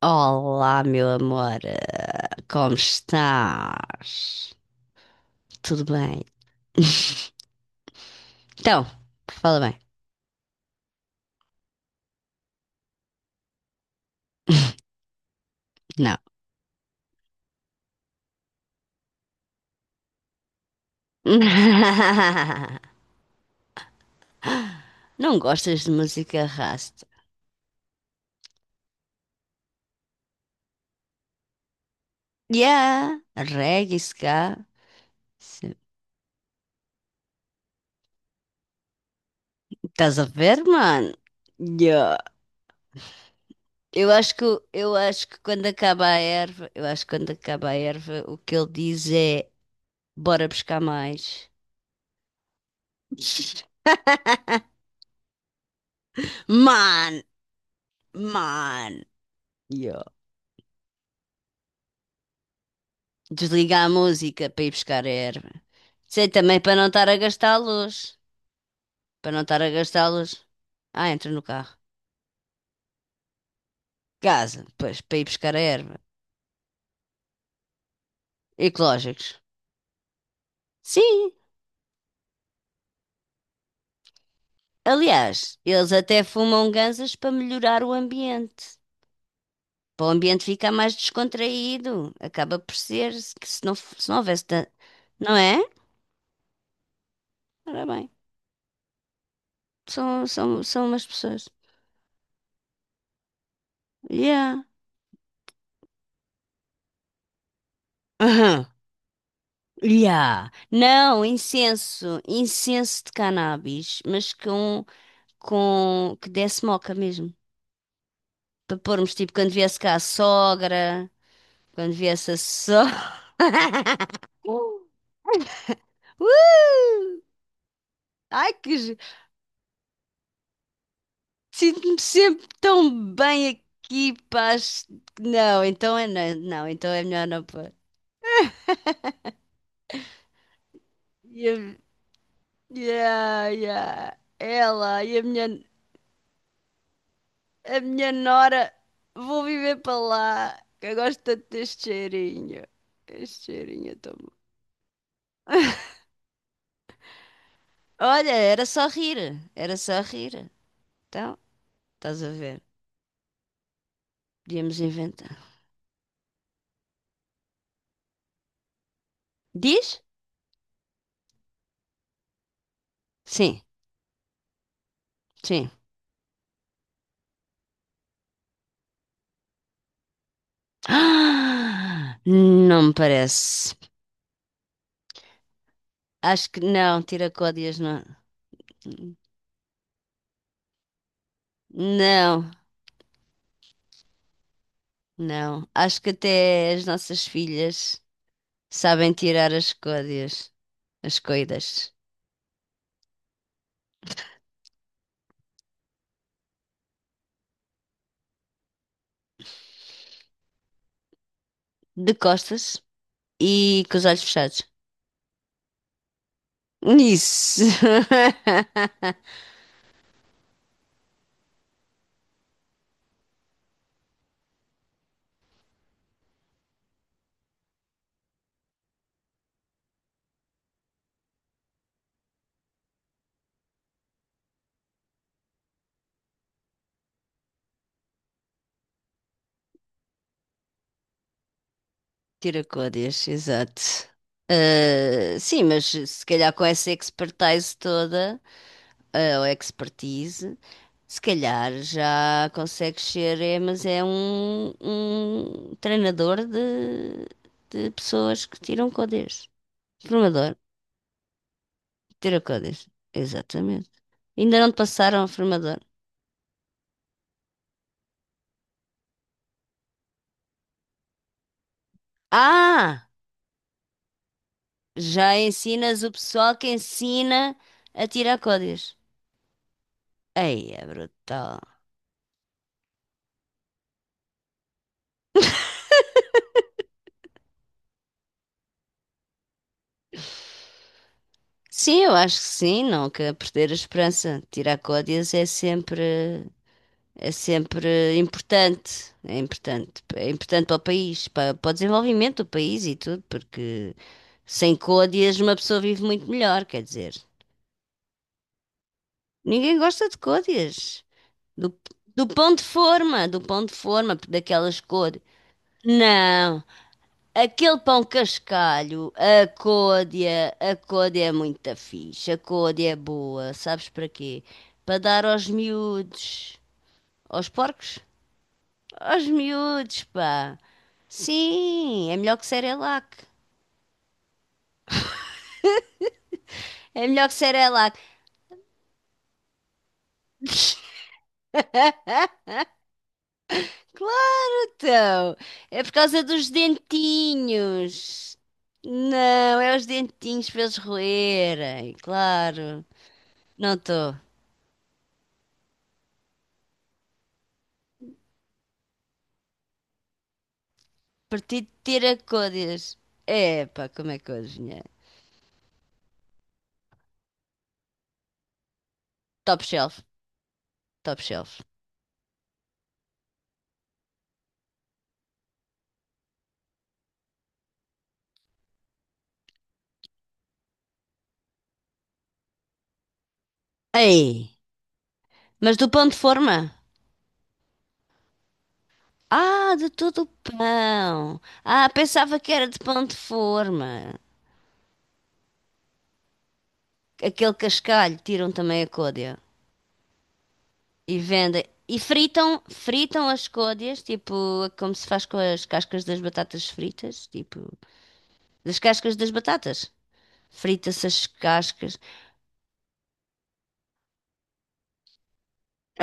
Olá, meu amor, como estás? Tudo bem? Então, fala bem. Não. Não gostas de música rasta? Yeah, reggae, ska. Sim. Estás a ver, mano? Yeah. Eu acho que, eu acho que quando acaba a erva, o que ele diz é: bora buscar mais. Man, man. Yeah. Desliga a música para ir buscar a erva. Sei também para não estar a gastar a luz. Para não estar a gastar a luz. Ah, entra no carro. Casa, pois, para ir buscar a erva. Ecológicos. Sim, aliás, eles até fumam ganzas para melhorar o ambiente. Para o ambiente ficar mais descontraído. Acaba por ser que se não houvesse tanto. Não é? Ora bem, são umas pessoas. Yeah. Yeah. Não, incenso de cannabis, mas com que desse moca mesmo. Para pormos tipo quando viesse a sogra. Uh! Ai, sinto-me sempre tão bem aqui, paz. Não, então é não, então é melhor não pôr. E a- Yeah, yeah. Ela e a minha. A minha nora, vou viver para lá, que eu gosto tanto deste cheirinho. Este cheirinho é tão bom. Olha, era só rir. Então, estás a ver, podíamos inventar. Diz? Sim, sim. Ah, não me parece. Acho que não, tiracódias não. Não, não. Acho que até as nossas filhas sabem tirar as códias, as coidas. De costas. E com os olhos fechados. Isso. Tiracórias, exato. Ah, sim, mas se calhar com essa expertise toda, ah, ou expertise, se calhar já consegues ser, é, mas é um treinador de pessoas que tiram códigos. Formador, tira códigos. Exatamente. Ainda não te passaram a formador. Ah! Já ensinas o pessoal que ensina a tirar códigos. Aí é brutal. Sim, eu acho que sim, não quero perder a esperança. Tirar códigos é sempre importante. É importante. É importante para o país, para o desenvolvimento do país e tudo, porque sem códigos uma pessoa vive muito melhor, quer dizer. Ninguém gosta de códigos. Do, do pão de forma, daquelas cores. Não, aquele pão cascalho, a côdea é muito fixe, a côdea é boa, sabes para quê? Para dar aos miúdos, aos porcos? Aos miúdos, pá. Sim, é melhor que Cerelac. É melhor que Cerelac. Claro, que não. É por causa dos dentinhos. Não, é os dentinhos para eles roerem, claro. Não estou. Partido de ter a côdeas. Epá, como é que eu adivinhei? Top shelf, top shelf. Ei, mas do pão de forma? Ah, de todo o pão. Ah, pensava que era de pão de forma. Aquele cascalho, tiram também a côdea e vendem. E fritam as côdeas, tipo, como se faz com as cascas das batatas fritas, tipo, das cascas das batatas. Frita-se as cascas.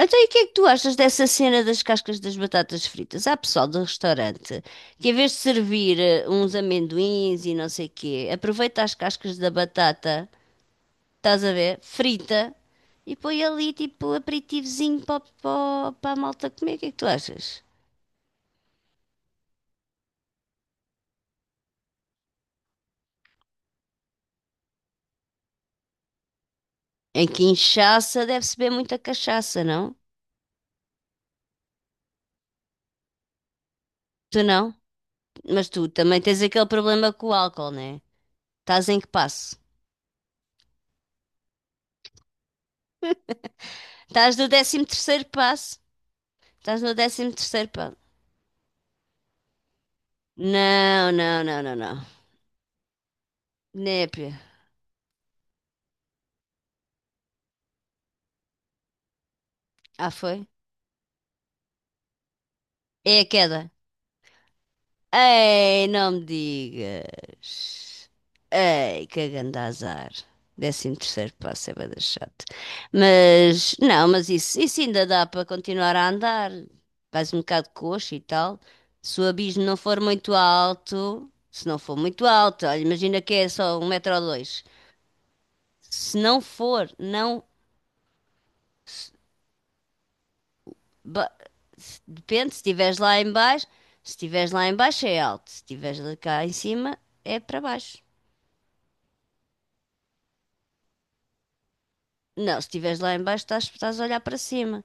Então, e o que é que tu achas dessa cena das cascas das batatas fritas? Há pessoal do restaurante que, em vez de servir uns amendoins e não sei quê, aproveita as cascas da batata, estás a ver, frita, e põe ali tipo aperitivozinho para a malta comer. O que é que tu achas? Em que inchaça deve-se beber muita cachaça, não? Tu não? Mas tu também tens aquele problema com o álcool, né? Estás em que passo? Estás no 13.º passo. Estás no décimo terceiro passo. Não, não, não, não, não. Népia. Ah, foi? É a queda. Ei, não me digas. Ei, que grande azar. 13.º passo é bué da chato. Mas, não, mas isso ainda dá para continuar a andar. Vais um bocado coxo e tal. Se não for muito alto, olha, imagina que é só um metro ou dois. Se não for, não. Ba- Depende, se estiveres lá em baixo, se estiveres lá em baixo é alto, se estiveres lá cá em cima é para baixo. Não, se estiveres lá em baixo estás a olhar para cima.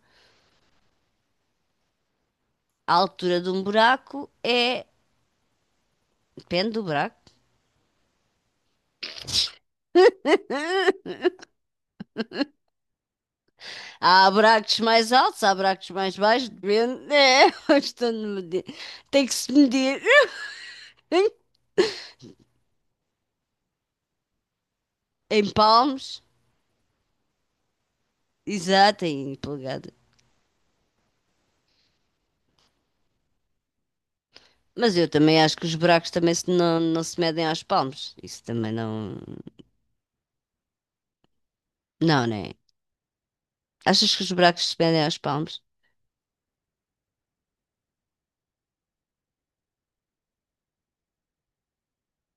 A altura de um buraco é... Depende do buraco. Há buracos mais altos, há buracos mais baixos, depende. É, estou de medir. Tem que se medir em palmos, exato, em polegada. Mas eu também acho que os buracos também não se medem aos palmos. Isso também não... Não, né? Achas que os buracos se pendem aos palmos?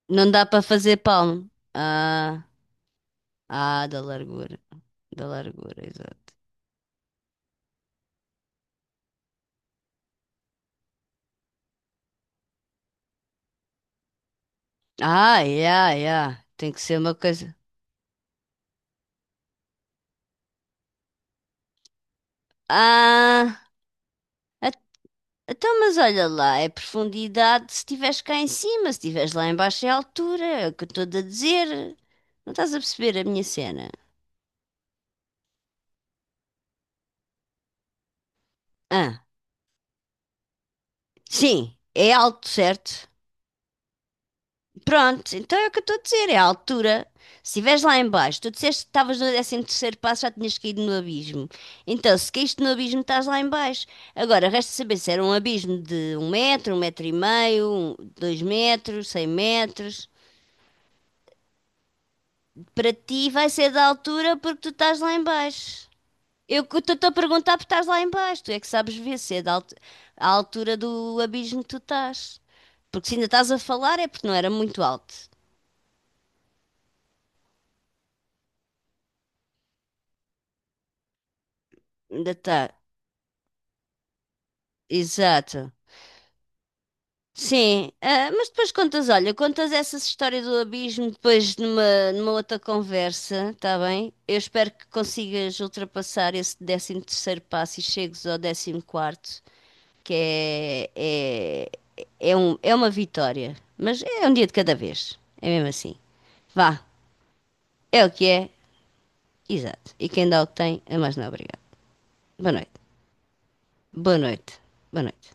Não dá para fazer palmo. Ah, ah, da largura. Da largura, exato. Ah, yeah, yeah. Tem que ser uma coisa. Ah, a- então, mas olha lá, é profundidade se estiveres cá em cima, se estiveres lá em baixo é altura, é o que eu estou a dizer. Não estás a perceber a minha cena? Ah, sim, é alto, certo? Pronto, então é o que eu estou a dizer, é a altura. Se estiveres lá em baixo, tu disseste que estavas no 13.º passo, já tinhas caído no abismo. Então, se caíste no abismo, estás lá em baixo. Agora, resta saber se era um abismo de um metro e meio, 2 metros, 100 metros. Para ti vai ser da altura porque tu estás lá em baixo. Eu que estou-te a perguntar porque estás lá em baixo. Tu é que sabes ver se é a altura do abismo que tu estás. Porque se ainda estás a falar é porque não era muito alto. Ainda está. Exato. Sim, ah, mas depois contas, olha, contas essas histórias do abismo depois numa outra conversa, tá bem? Eu espero que consigas ultrapassar esse 13.º passo e chegues ao 14.º, que é uma vitória, mas é um dia de cada vez, é mesmo assim. Vá, é o que é, exato. E quem dá o que tem é mais não obrigado. Boa noite, boa noite, boa noite.